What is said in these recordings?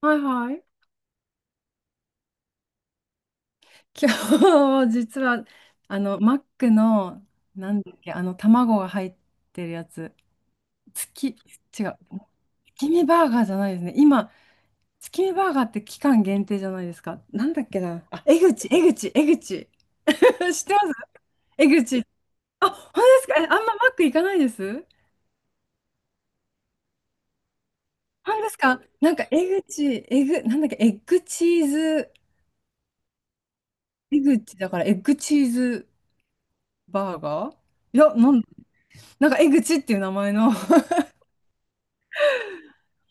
はいはい。今日、実は、マックの、なんだっけ、あの、卵が入ってるやつ。月、違う。月見バーガーじゃないですね。今、月見バーガーって期間限定じゃないですか。なんだっけな。あ、江口、江口。知ってます江口。あ、本当ですか？え、あんまマック行かないです。本当ですか？江口、エグ、なんだっけ、エッグチーズ、江口だからエッグチーズバーガー。いや、えぐちっていう名前の。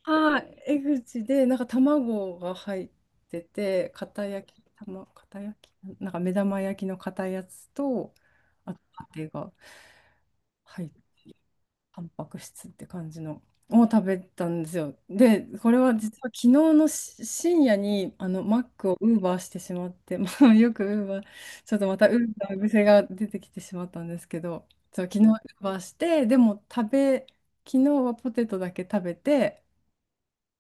はい。えぐちで、卵が入ってて、片焼き、目玉焼きの片やつと、あと、パテが入って。タンパク質って感じのを食べたんですよ。で、これは実は昨日深夜にマックをウーバーしてしまって、まあ、よくウーバー、ちょっとまたウーバー癖が出てきてしまったんですけど、そう、昨日ウーバーして、でも食べ、昨日はポテトだけ食べて、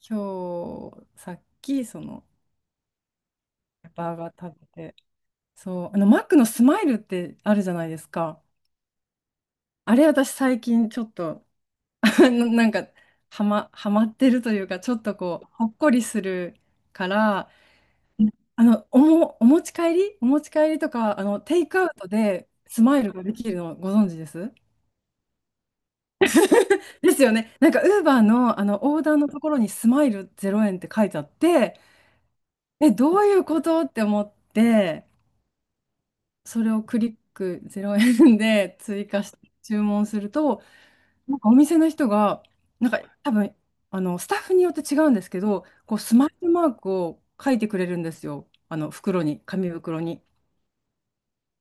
今日さっきそのバーガー食べて、そう、マックのスマイルってあるじゃないですか。あれ私最近ちょっと、 なんかはまってるというかちょっとこうほっこりするから、お持ち帰りとかテイクアウトでスマイルができるのご存知ですですよね。ウーバーの、オーダーのところにスマイル0円って書いてあって、え、どういうことって思って、それをクリック0円で追加して注文すると、お店の人が、多分、スタッフによって違うんですけど、こう、スマイルマークを書いてくれるんですよ。あの、袋に、紙袋に。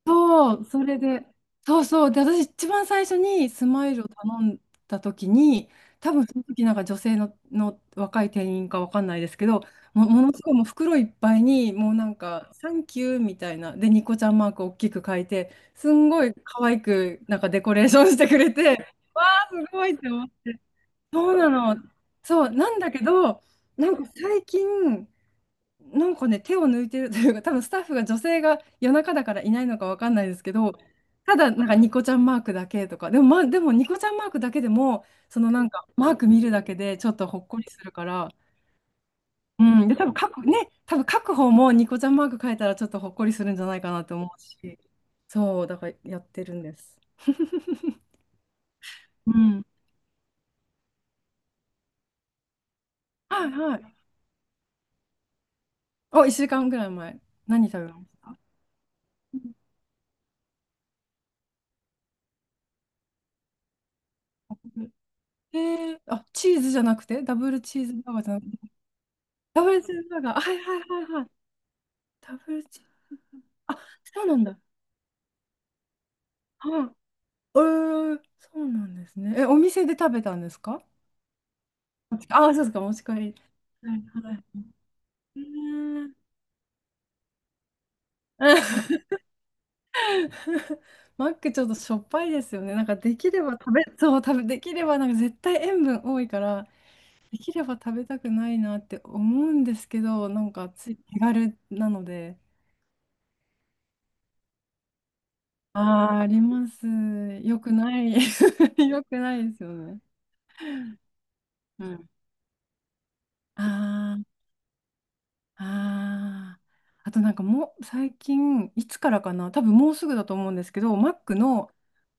そう、それで、そうそう。で、私一番最初にスマイルを頼んだ時に、多分その時女性の、若い店員かわかんないですけど、ものすごいもう袋いっぱいに、もうなんか、サンキューみたいな、で、ニコちゃんマークを大きく書いて、すんごい可愛くデコレーションしてくれて、あ、すごいって思って。そうなの。そう、なんだけど、最近、手を抜いてるというか、多分スタッフが女性が夜中だからいないのかわかんないですけど、ただ、ニコちゃんマークだけとか、でも、ま、でもニコちゃんマークだけでも、そのなんかマーク見るだけでちょっとほっこりするから、うん、で、多分書く方もニコちゃんマーク書いたらちょっとほっこりするんじゃないかなって思うし、そう、だからやってるんです。うん。はいはい。お、1週間ぐらい前、何食べました？えー、あ、チーズじゃなくて、ダブルチーズバーガーじゃなくて、ダブルチーズバーガー、あ、はいはいはいはい、ダブルチーズ、あ、そうなんだ。はい。えー、そうなんですね。え、お店で食べたんですか？あ、そうですか、お持ち帰り。はいはい。えー。 マックちょっとしょっぱいですよね。なんかできれば食べ、そう、食べ、できれば絶対塩分多いから、できれば食べたくないなって思うんですけど、つい手軽なので。ああ、あります。よくない。よくないですよね。うん。ああ、ああ。あともう最近、いつからかな、多分もうすぐだと思うんですけど、Mac の、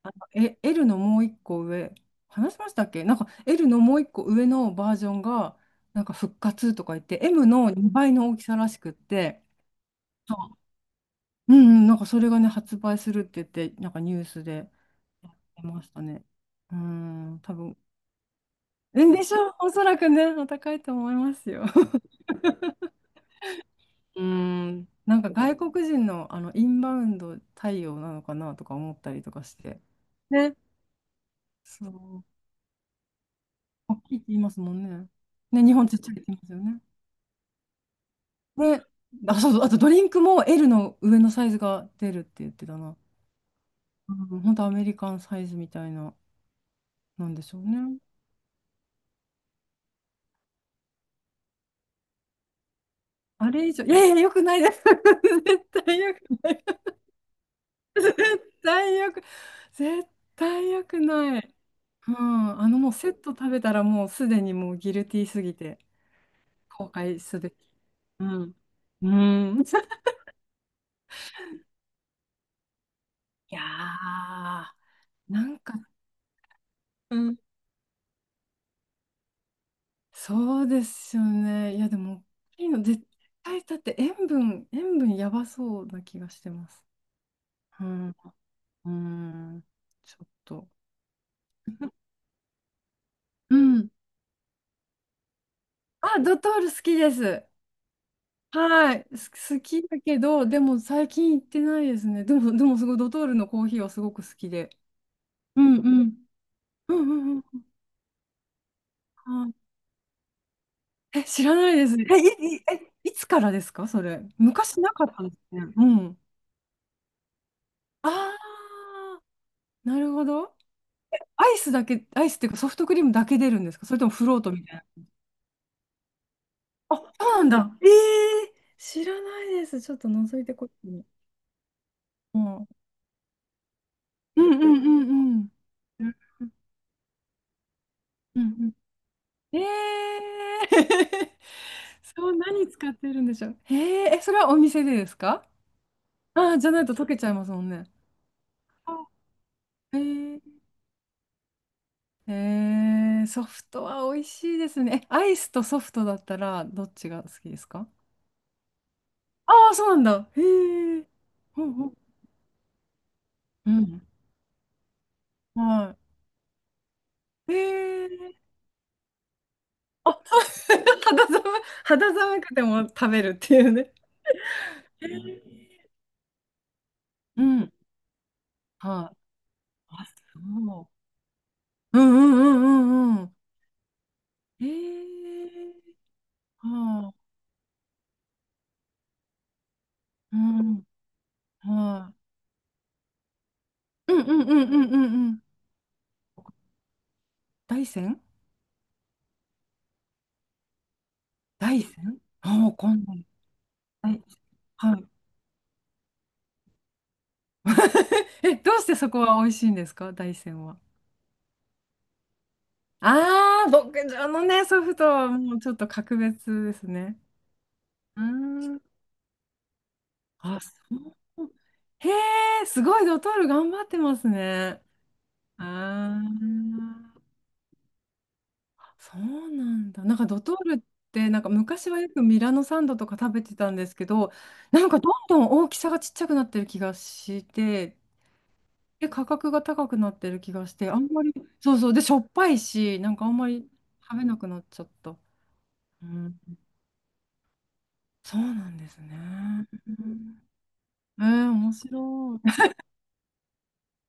あの、L のもう一個上、話しましたっけ？L のもう一個上のバージョンが、復活とか言って、M の2倍の大きさらしくって、そうんうん、それがね、発売するって言って、ニュースでやってましたね。うん、でしょう、おそらくね、お高いと思いますよ。うーん。外国人の、インバウンド対応なのかなとか思ったりとかして。ね。そう。大きいって言いますもんね。ね、日本ちっちゃいって言いますよね。ね。あ、そうそう。あとドリンクも L の上のサイズが出るって言ってたな。うん、本当アメリカンサイズみたいな、なんでしょうね。あれ以上、いやいや、よくないです。絶対よくない。絶対よく、絶対よくない。うん、もうセット食べたらもうすでにもうギルティーすぎて後悔すべき。うん。うん。いやー、なんかうん。そうですよね。いやでも、いいの、絶対だって塩分やばそうな気がしてます。うん。うん。ちょっと。うん。あ、ドトール好きです。はい。好きだけど、でも最近行ってないですね。でもすごいドトールのコーヒーはすごく好きで。うんうん。うんうんうんうん。え、知らないです。え、い、い、え、いつからですか、それ。昔なかったですね。うん。ああ、なるほど。アイスだけ、アイスっていうかソフトクリームだけ出るんですか？それともフロートみたいな。あ、そうなんだ。ええ、知らないです。ちょっと覗いてこっちに。うん。うんうんうんうん。うんうんうん。ええ。 そう、何使ってるんでしょう。へえ、え、それはお店でですか？ああー、じゃないと溶けちゃいますもんね。あ、へえー。ええ、ソフトは美味しいですね。え、アイスとソフトだったらどっちが好きですか？ああー、そうなんだ。へえ。ほうん。うん。うん。はい。へえ。あ、肌寒い、肌寒くても食べるっていうね。へえ。うん。はい。あ、そう。うんうんうんうんうん。へえ。はあ。うん。はい。うんうんうんうんうんうん。大山？大山、ああー、わんな、はい。はい。 え、どうしてそこは美味しいんですか、大山は。ああ、牧場のね、ソフトはもうちょっと格別ですね。うーん。あ、そう。へえ、すごい、ドトール頑張ってますね。ああ、そうなんだ。ドトールって、昔はよくミラノサンドとか食べてたんですけど、どんどん大きさがちっちゃくなってる気がして、で、価格が高くなってる気がして、あんまり、そうそう、で、しょっぱいし、あんまり食べなくなっちゃった。うん、そうなんですね。うん。えー、面白い。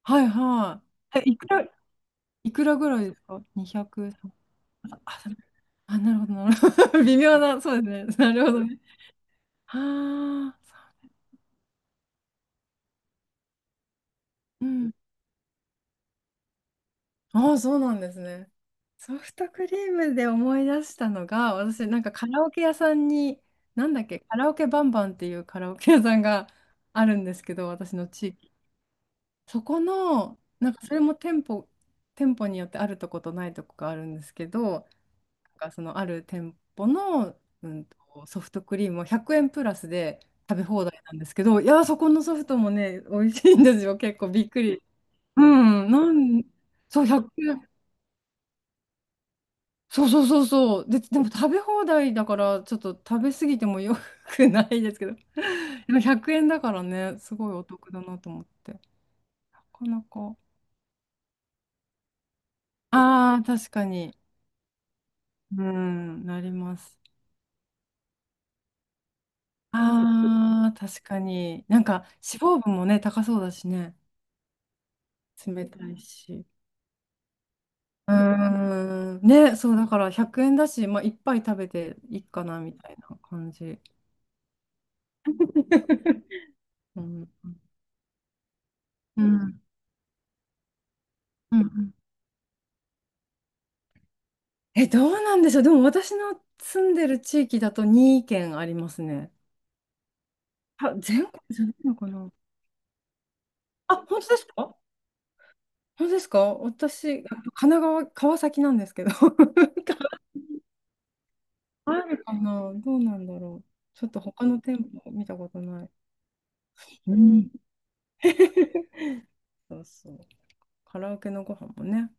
はいはい。え、いくら、いくらぐらいですか？ 200。あ、あそれあなるほど、なるほど。微妙な、そうですね。なるほどね。はあ、そう。うん。ああ、そうなんですね。ソフトクリームで思い出したのが、私カラオケ屋さんに、なんだっけ、カラオケバンバンっていうカラオケ屋さんが あるんですけど、私の地域。そこの、なんかそれも店舗、店舗によってあるとことないとこがあるんですけど、そのある店舗の、うんと、ソフトクリームを100円プラスで食べ放題なんですけど、いやー、そこのソフトもね、美味しいんですよ。結構びっくり。うん、なん、そう、100円。そうそうそうそう。で、でも食べ放題だから、ちょっと食べ過ぎてもよくないですけど。でも100円だからね、すごいお得だなと思って。なかなか。ああ、確かに。うん、なります。ああ、確かに。脂肪分もね、高そうだしね。冷たいし。うーん。ね、そう、だから100円だし、まあ、いっぱい食べていいかな、みたいな感じ。うん。うん。うん。うん。え、どうなんでしょう。でも私の住んでる地域だと2県ありますね。あ、全国じゃないのかな。あ、本当ですか？本当ですか？私、あ、神奈川、川崎なんですけど。あるかな、どうなんだろう。ちょっと他の店舗見たことない。うん。そうそう。カラオケのご飯もね、